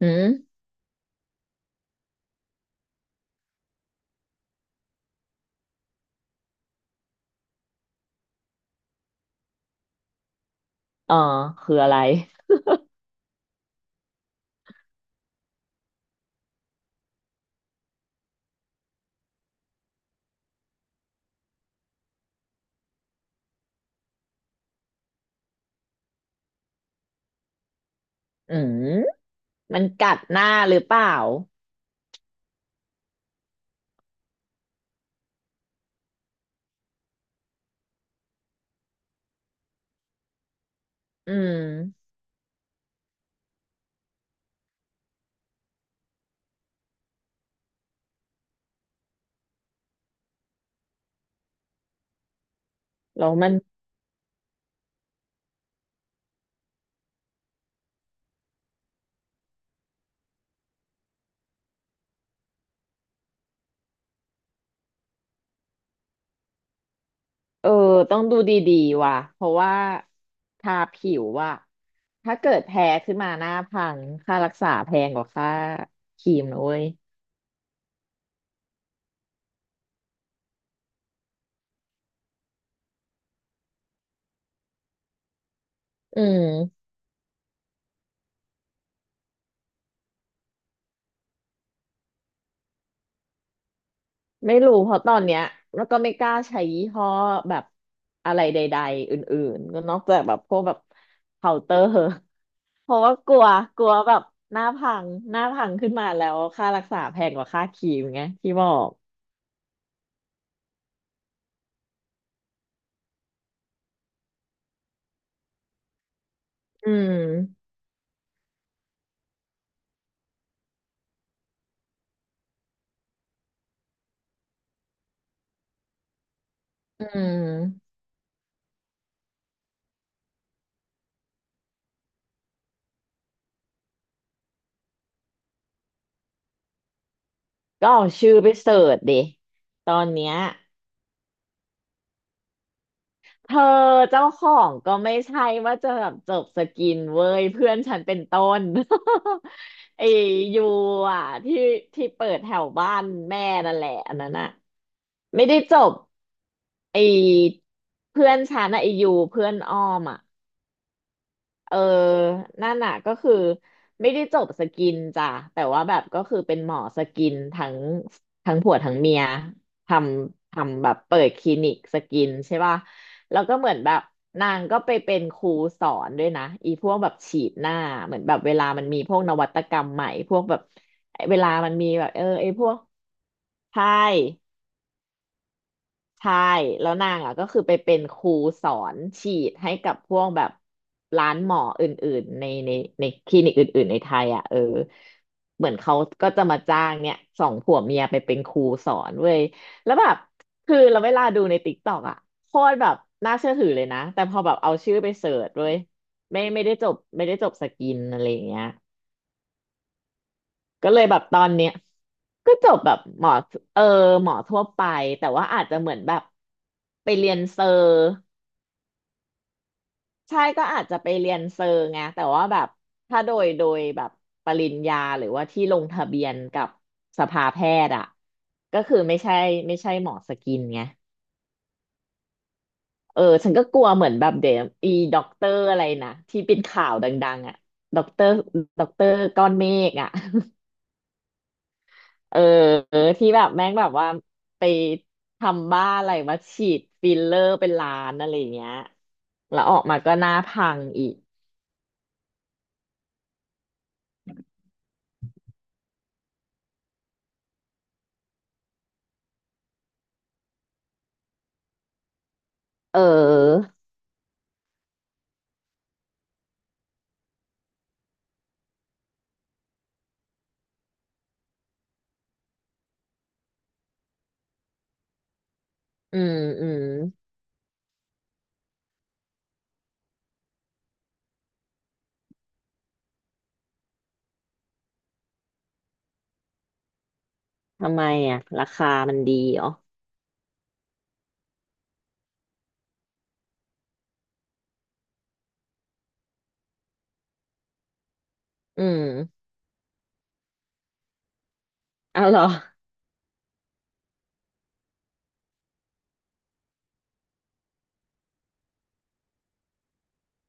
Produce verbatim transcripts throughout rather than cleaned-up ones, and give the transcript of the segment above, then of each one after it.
อืมอ๋อคืออะไรอืมมันกัดหน้าหรือเปล่าอืมแล้วมันเออต้องดูดีๆว่ะเพราะว่าทาผิวว่ะถ้าเกิดแพ้ขึ้นมาหน้าพังค่ารักษาแพงกว่าค่าครีมนะเว้ยอืมไม่รู้เพราะตอนเนี้ยแล้วก็ไม่กล้าใช้ยี่ห้อแบบอะไรใดๆอื่นๆก็นอกจากแบบพวกแบบเคาน์เตอร์ เพราะว่ากลัวกลัวแบบหน้าพังหน้าพังขึ้นมาแล้วค่ารักษาแพงกว่าค่าครีมไงที่บอกอืมอืมก็เอาชื่อไปเสิร์ชดิตอนเนี้ยเธอเจ้าของก็ไม่ใช่ว่าจะแบบจบสกินเว้ยเพื่อนฉันเป็นต้น ไอ้ยูอ่ะที่ที่เปิดแถวบ้านแม่นั่นแหละอันนั้นอ่ะไม่ได้จบไอ้เพื่อนฉันอ่ะไอ้ยูเพื่อนอ้อมอ่ะ เออ นั่นน่ะก็คือไม่ได้จบสกินจ้ะแต่ว่าแบบก็คือเป็นหมอสกินทั้งทั้งผัวทั้งเมียทำทำแบบเปิดคลินิกสกินใช่ป่ะแล้วก็เหมือนแบบนางก็ไปเป็นครูสอนด้วยนะอีพวกแบบฉีดหน้าเหมือนแบบเวลามันมีพวกนวัตกรรมใหม่พวกแบบเวลามันมีแบบเออไอพวกใช่ ใช่แล้วนางอ่ะก็คือไปเป็นครูสอนฉีดให้กับพวกแบบร้านหมออื่นๆในในในคลินิกอื่นๆในไทยอ่ะเออเหมือนเขาก็จะมาจ้างเนี่ยสองผัวเมียไปเป็นครูสอนเว้ยแล้วแบบคือเราเวลาดูในติ๊กต็อกอ่ะโคตรแบบน่าเชื่อถือเลยนะแต่พอแบบเอาชื่อไปเสิร์ชเว้ยไม่ไม่ได้จบไม่ได้จบสกินอะไรอย่างเงี้ย ก็เลยแบบตอนเนี้ยก็จบแบบหมอเออหมอทั่วไปแต่ว่าอาจจะเหมือนแบบไปเรียนเซอร์ใช่ก็อาจจะไปเรียนเซอร์ไงแต่ว่าแบบถ้าโดยโดยแบบปริญญาหรือว่าที่ลงทะเบียนกับสภาแพทย์อ่ะก็คือไม่ใช่ไม่ใช่หมอสกินไงเออฉันก็กลัวเหมือนแบบเดี๋ยวอีด็อกเตอร์อะไรนะที่เป็นข่าวดังๆอ่ะด็อกเตอร์ด็อกเตอร์ก้อนเมฆอ่ะ เออที่แบบแม่งแบบว่าไปทำบ้าอะไรมาฉีดฟิลเลอร์เป็นล้านอะไรอย่างเงี้ยแล้วออกมาก็หน้าพังอีกเอออืมอืมทำไมอ่ะราคามันดีเหรออืมเอาเหรอ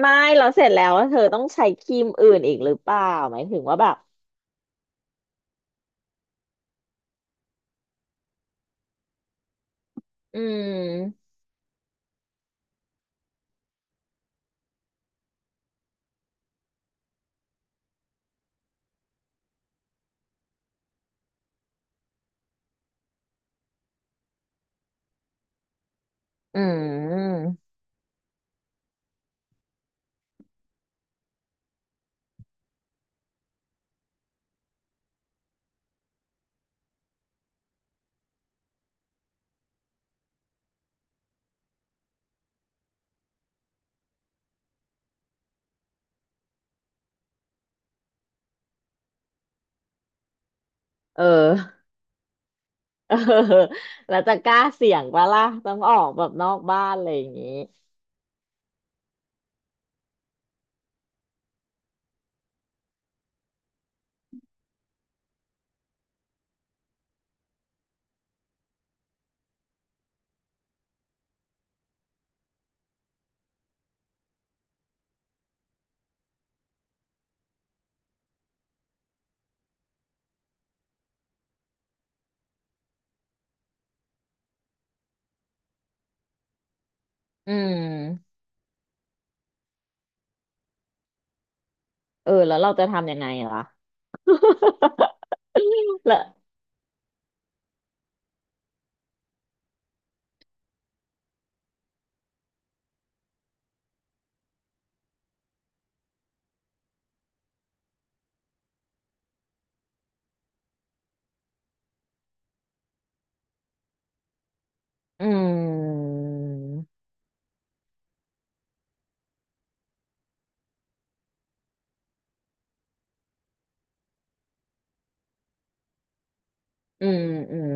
ไม่เราเสร็จแล้วเธอต้องใช้ครีมอื่นอีกหรือเปล่าหมายถึงว่าแบบอืมอืมเออ เออแล้วจะกล้าเสี่ยงปะล่ะต้องออกแบบนอกบ้านอะไรอย่างงี้อืมเออแล้วเราจะทำยังไงล่ะ และอืมอืมอืม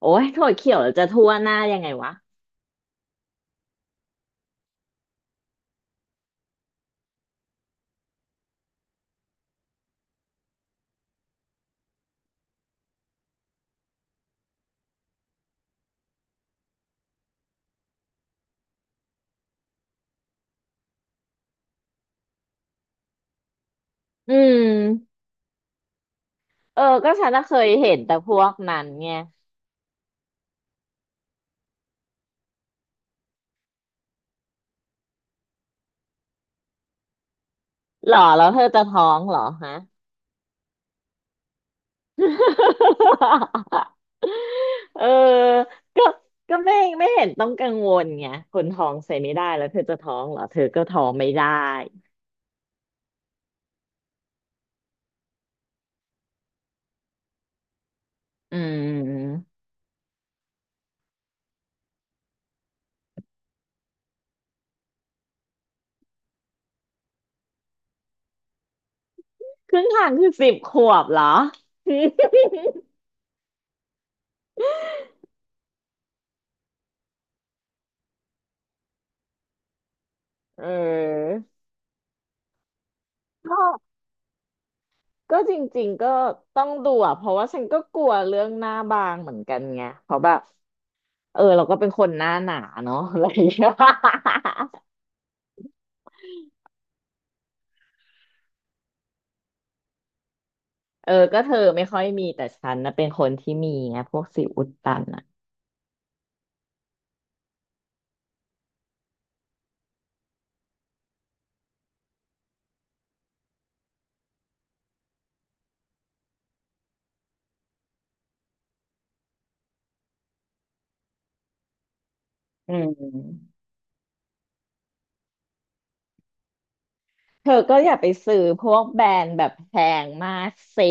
โอ้ยถั่วเขียวจะทั่วหน้ายังไงวะอืมเออก็ฉันน่ะเคยเห็นแต่พวกนั้นไงหรอแล้วเธอจะท้องเหรอฮะ เออก็ก็ไม่ไม่เห็นต้องกังวลไงคนท้องใส่ไม่ได้แล้วเธอจะท้องเหรอเธอก็ท้องไม่ได้อืมครึ่งทางคือสิบขวบเหรอ เออ ก็จริงๆก็ต้องดูอ่ะเพราะว่าฉันก็กลัวเรื่องหน้าบางเหมือนกันไงเพราะแบบเออเราก็เป็นคนหน้าหนาเนาะ อะไรอย่างเงี้ย เออก็เธอไม่ค่อยมีแต่ฉันนะเป็นคนที่มีไงพวกสิวอุดตันอ่ะอืมเธอก็อย่าไปซื้อพวกแบรนด์แบบแพงมากสิ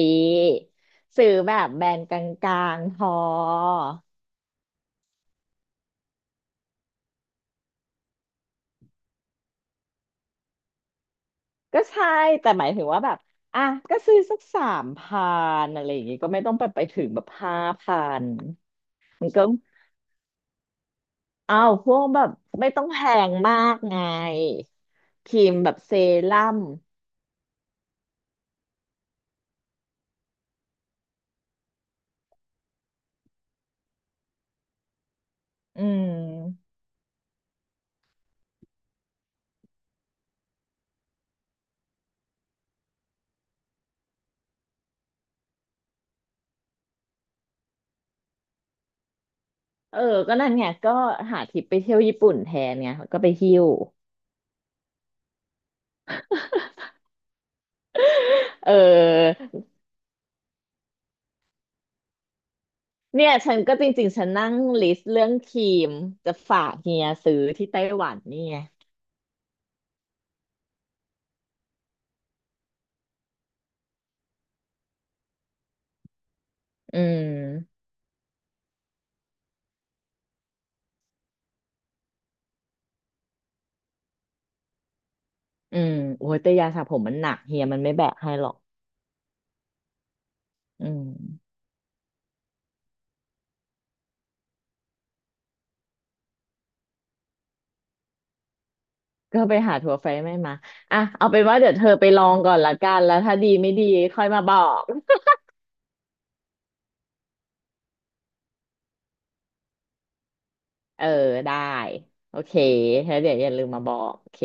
ซื้อแบบแบรนด์กลางๆพอก็ใช่แต่หมายถึงว่าแบบอ่ะก็ซื้อสักสามพันอะไรอย่างงี้ก็ไม่ต้องไปไปถึงแบบห้าพัน มันก็อ้าวพวกแบบไม่ต้องแพงมากไงครีมแบบเซรั่มอืมเออก็นั่นไงก็หาทริปไปเที่ยวญี่ปุ่นแทนไงก็ไปหิ้วเออเนี่ยฉันก็จริงๆฉันนั่งลิสต์เรื่องครีมจะฝากเฮียซื้อที่ไต้หวันนี่ไงอืมอืมโอ้ยแต่ยาสระผมมันหนักเฮียมันไม่แบกให้หรอกอืมก็ไปหาถั่วไฟไม่มาอ่ะเอาเป็นว่าเดี๋ยวเธอไปลองก่อนละกันแล้วถ้าดีไม่ดีค่อยมาบอก เออได้โอเคแล้วเดี๋ยวอย่าลืมมาบอกโอเค